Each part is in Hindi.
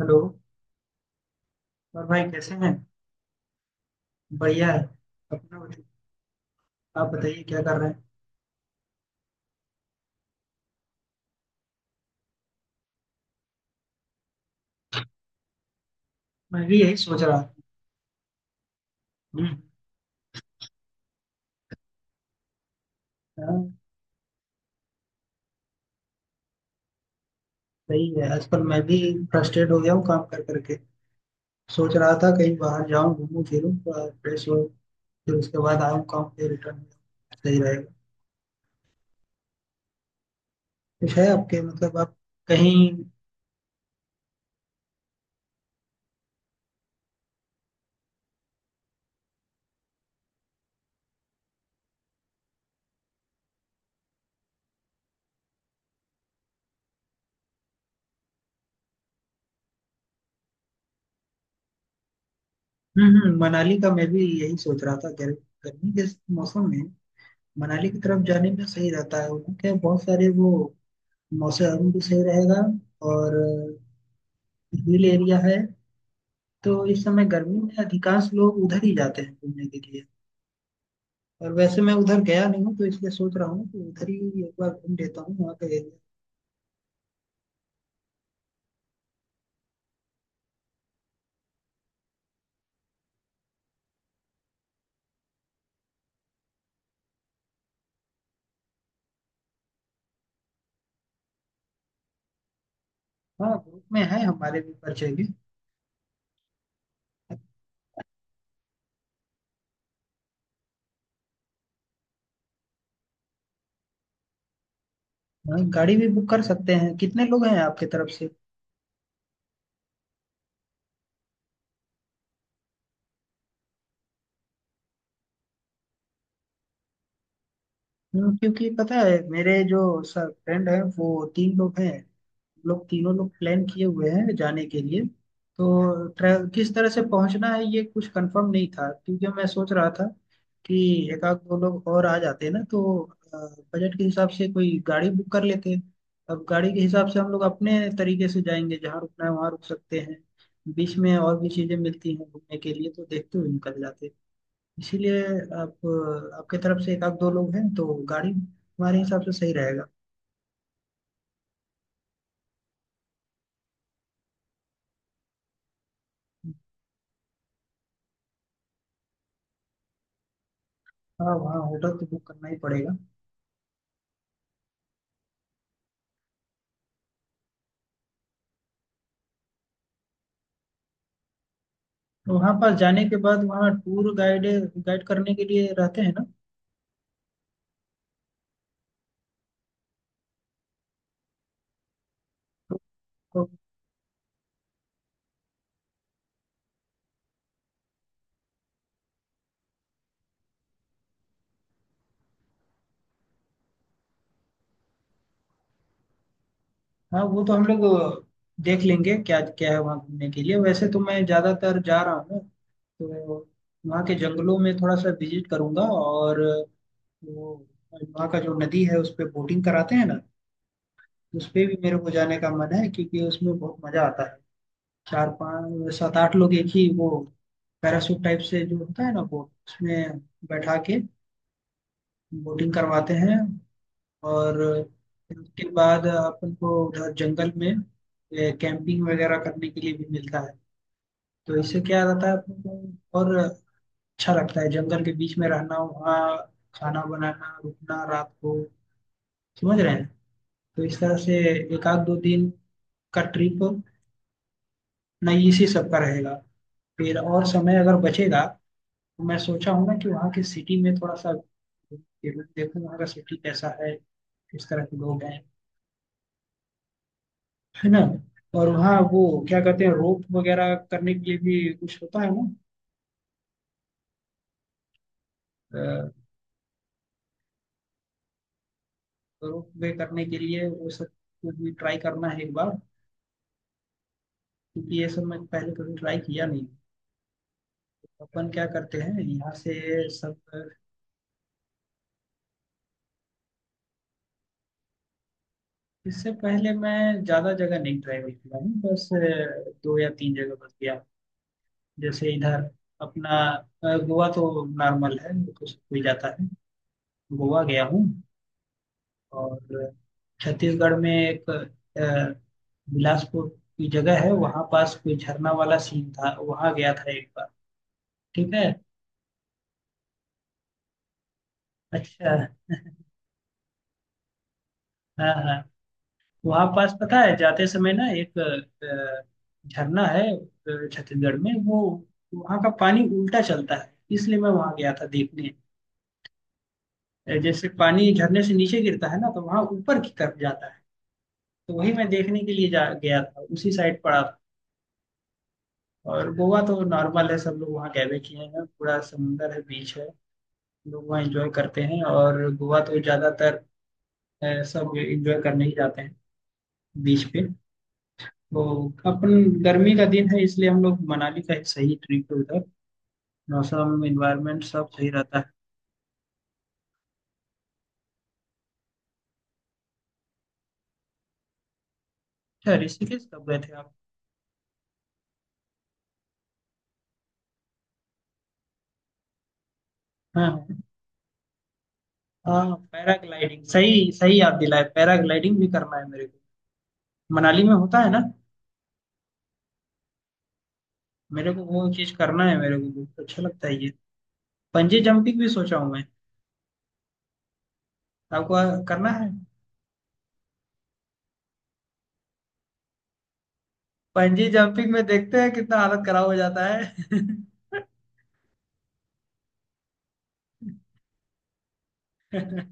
हेलो। और भाई कैसे हैं। बढ़िया है। अपना बताइए- आप बताइए क्या कर रहे हैं। मैं भी यही सोच रहा था। हम्म। हाँ, सही है। आजकल मैं भी फ्रस्ट्रेट हो गया हूँ काम कर करके। सोच रहा था कहीं बाहर जाऊँ घूमूं फिरूं थोड़ा फ्रेश हो फिर उसके बाद आऊँ काम पे रिटर्न। सही रहेगा। कुछ है आपके मतलब आप कहीं। मनाली का मैं भी यही सोच रहा था। गर्मी गर्मी के मौसम में मनाली की तरफ जाने में सही रहता है। उनके बहुत सारे वो मौसम भी सही रहेगा। और हिल एरिया है तो इस समय गर्मी में अधिकांश लोग उधर ही जाते हैं घूमने के लिए। और वैसे मैं उधर गया नहीं हूँ तो इसलिए सोच रहा हूँ कि उधर ही एक बार घूम लेता हूँ वहाँ का एरिया। हाँ ग्रुप में है हमारे भी परिचय के। हाँ, गाड़ी भी बुक कर सकते हैं। कितने लोग हैं आपके तरफ से। क्योंकि पता है मेरे जो सर फ्रेंड है वो तीन लोग हैं। हम लोग तीनों लोग प्लान किए हुए हैं जाने के लिए। तो ट्रैव किस तरह से पहुंचना है ये कुछ कंफर्म नहीं था क्योंकि मैं सोच रहा था कि एक आध दो लोग और आ जाते हैं ना तो अ, बजट के हिसाब से कोई गाड़ी बुक कर लेते हैं। अब गाड़ी के हिसाब से हम लोग अपने तरीके से जाएंगे जहाँ रुकना है वहाँ रुक सकते हैं। बीच में और भी चीज़ें मिलती हैं घूमने के लिए तो देखते हुए निकल जाते हैं। इसीलिए आप आपके तरफ से एक आध दो लोग हैं तो गाड़ी हमारे हिसाब से सही रहेगा। हाँ वहाँ होटल तो बुक करना ही पड़ेगा। तो वहाँ पर जाने के बाद वहाँ टूर गाइड गाइड करने के लिए रहते हैं ना। तो हाँ वो तो हम लोग देख लेंगे क्या क्या है वहाँ घूमने के लिए। वैसे तो मैं ज़्यादातर जा रहा हूँ तो वहाँ के जंगलों में थोड़ा सा विजिट करूंगा। और वो वहाँ का जो नदी है उस पर बोटिंग कराते हैं ना उस पे भी मेरे को जाने का मन है क्योंकि उसमें बहुत मज़ा आता है। चार पाँच सात आठ लोग एक ही वो पैराशूट टाइप से जो होता है ना बोट उसमें बैठा के बोटिंग करवाते हैं। और फिर उसके बाद अपन को उधर जंगल में कैंपिंग वगैरह करने के लिए भी मिलता है। तो इससे क्या रहता है अपन को और अच्छा लगता है जंगल के बीच में रहना। वहाँ खाना बनाना रुकना रात को समझ रहे हैं। तो इस तरह से एक आध दो दिन का ट्रिप नहीं इसी सब का रहेगा। फिर और समय अगर बचेगा तो मैं सोचा हूँ ना कि वहाँ की सिटी में थोड़ा सा घूम के देखूँ वहाँ का सिटी कैसा है किस तरह के लोग हैं है ना। और वहाँ वो क्या कहते हैं रोप वगैरह करने के लिए भी कुछ होता है ना। रोप वे करने के लिए वो सब कुछ भी ट्राई करना है एक बार क्योंकि ये सब मैं पहले कभी ट्राई किया नहीं। अपन क्या करते हैं यहाँ से सब। इससे पहले मैं ज़्यादा जगह नहीं ट्राई किया हूँ। बस दो या तीन जगह बस गया। जैसे इधर अपना गोवा तो नॉर्मल है तो सब कोई जाता है। गोवा गया हूँ। और छत्तीसगढ़ में एक बिलासपुर की जगह है वहाँ पास कोई झरना वाला सीन था वहाँ गया था एक बार। ठीक है। अच्छा। हाँ हाँ। वहाँ पास पता है जाते समय ना एक झरना है छत्तीसगढ़ में। वो वहाँ का पानी उल्टा चलता है इसलिए मैं वहाँ गया था देखने। जैसे पानी झरने से नीचे गिरता है ना तो वहाँ ऊपर की तरफ जाता है। तो वही मैं देखने के लिए जा गया था उसी साइड पड़ा था। और गोवा तो नॉर्मल है। सब लोग वहाँ गए हुए किए हैं। पूरा समुंदर है बीच है। गोवा एंजॉय करते हैं। और गोवा तो ज्यादातर सब एंजॉय करने ही जाते हैं बीच पे। तो अपन गर्मी का दिन है इसलिए हम लोग मनाली का एक सही ट्रिप है उधर। मौसम इन्वायरमेंट सब सही रहता है। अच्छा ऋषिकेश कब गए थे आप। हाँ। हाँ हाँ, पैराग्लाइडिंग सही सही याद दिलाए। पैराग्लाइडिंग भी करना है मेरे को। मनाली में होता है ना। मेरे को वो चीज करना है। मेरे को बहुत अच्छा लगता है ये। पंजी जंपिंग भी सोचा हूँ मैं। आपको करना है। पंजी जंपिंग में देखते हैं कितना हालत खराब हो जाता है।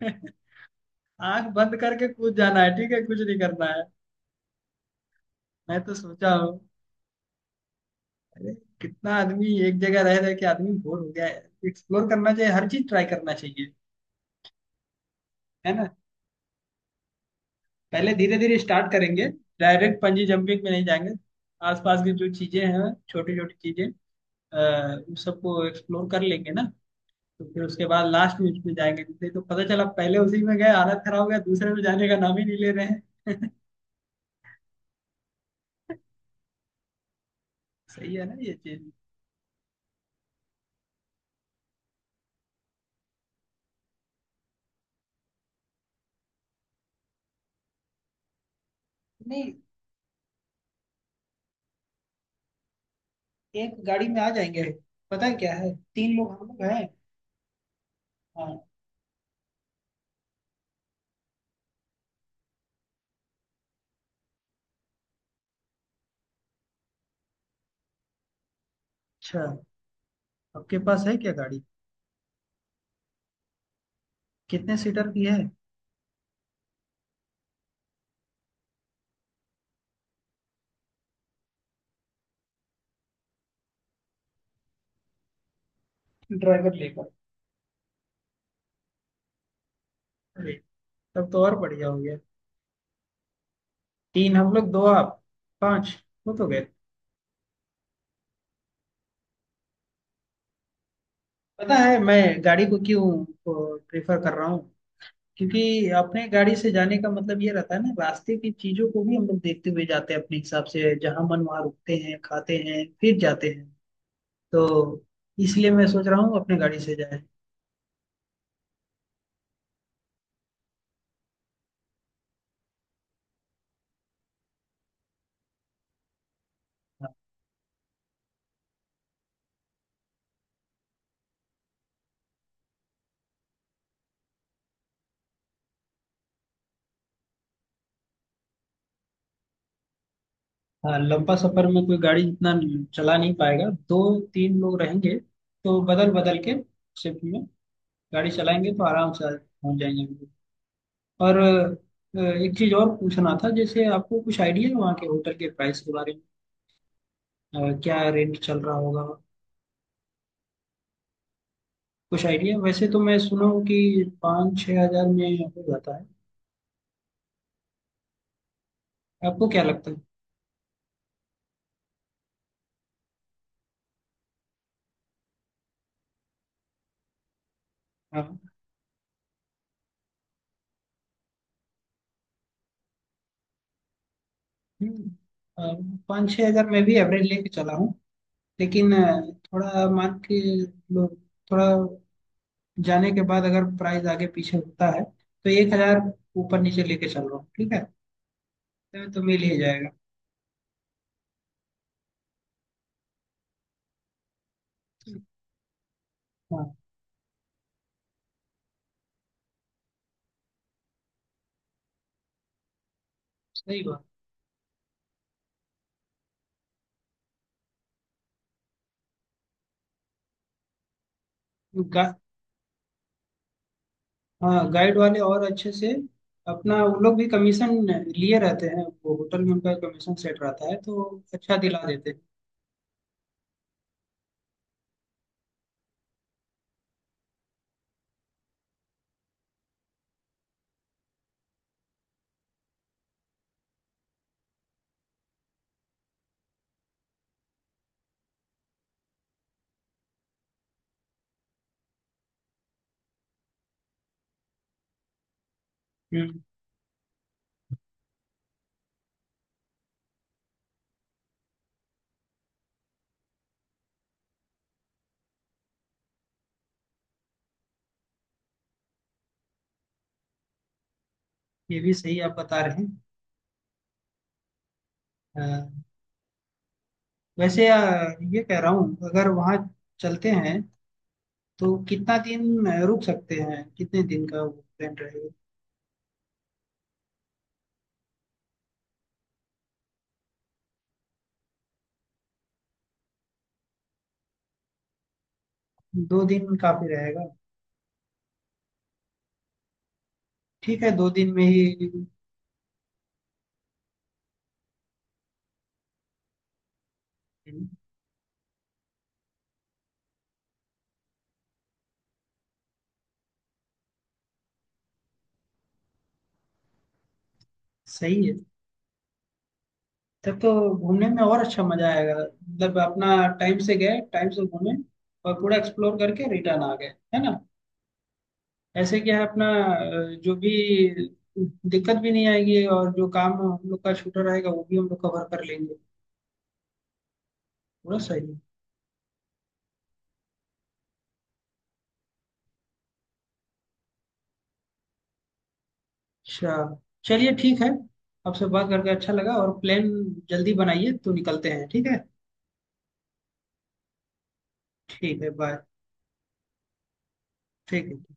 आंख बंद करके कूद जाना है ठीक है कुछ नहीं करना है। मैं तो सोचा हूँ अरे कितना आदमी एक जगह रह रहे के आदमी बोर हो गया है। एक्सप्लोर करना चाहिए हर चीज ट्राई करना चाहिए है ना। पहले धीरे धीरे स्टार्ट करेंगे। डायरेक्ट पंजी जंपिंग में नहीं जाएंगे। आसपास की जो चीजें हैं छोटी छोटी चीजें अ, उन सबको एक्सप्लोर कर लेंगे ना। तो फिर उसके बाद लास्ट में उसमें जाएंगे नहीं तो पता चला पहले उसी में गए हालत खराब हो गया दूसरे में जाने का नाम ही नहीं ले रहे हैं। सही है ना ये चीज। नहीं एक गाड़ी में आ जाएंगे। पता है क्या है तीन लोग हम लोग हैं। हाँ। अच्छा आपके पास है क्या गाड़ी। कितने सीटर की है। ड्राइवर लेकर। अरे तब तो और बढ़िया हो गया। तीन हम लोग दो आप पांच हो तो गए। पता है मैं गाड़ी को क्यों प्रेफर कर रहा हूँ। क्योंकि अपने गाड़ी से जाने का मतलब ये रहता है ना रास्ते की चीजों को भी हम लोग देखते हुए जाते हैं अपने हिसाब से जहाँ मन वहाँ रुकते हैं खाते हैं फिर जाते हैं। तो इसलिए मैं सोच रहा हूँ अपने गाड़ी से जाए। हाँ लंबा सफर में कोई गाड़ी इतना चला नहीं पाएगा। दो तीन लोग रहेंगे तो बदल बदल के शिफ्ट में गाड़ी चलाएंगे तो आराम से पहुंच जाएंगे हम लोग। और एक चीज और पूछना था। जैसे आपको कुछ आइडिया है वहाँ के होटल के प्राइस के बारे में क्या रेंट चल रहा होगा। कुछ आइडिया वैसे तो मैं सुना हूँ कि 5-6 हजार में हो जाता है। आपको क्या लगता है। हाँ। हम्म, अ, 5-6 हजार में भी एवरेज लेके चला हूँ। लेकिन थोड़ा मान के लो, थोड़ा जाने के बाद अगर प्राइस आगे पीछे होता है तो 1 हजार ऊपर नीचे लेके चल रहा हूँ। ठीक है तो मिल ही जाएगा। हाँ सही बात। गा, हाँ गाइड वाले और अच्छे से अपना वो लोग भी कमीशन लिए रहते हैं। वो होटल में उनका कमीशन सेट रहता है तो अच्छा दिला देते हैं। हम्म, ये भी सही आप बता रहे हैं। अ, वैसे ये कह रहा हूँ अगर वहाँ चलते हैं तो कितना दिन रुक सकते हैं। कितने दिन का प्लान रहेगा। 2 दिन काफी रहेगा। ठीक है 2 दिन में ही। हम्म, सही है। तब तो घूमने में और अच्छा मजा आएगा मतलब अपना टाइम से गए टाइम से घूमे और पूरा एक्सप्लोर करके रिटर्न आ गए है ना। ऐसे क्या है अपना जो भी दिक्कत भी नहीं आएगी और जो काम हम लोग का छूटा रहेगा वो भी हम लोग कवर कर लेंगे। पूरा सही है। अच्छा चलिए ठीक है। आपसे बात करके अच्छा लगा। और प्लान जल्दी बनाइए तो निकलते हैं ठीक है। ठीक है बाय। ठीक है।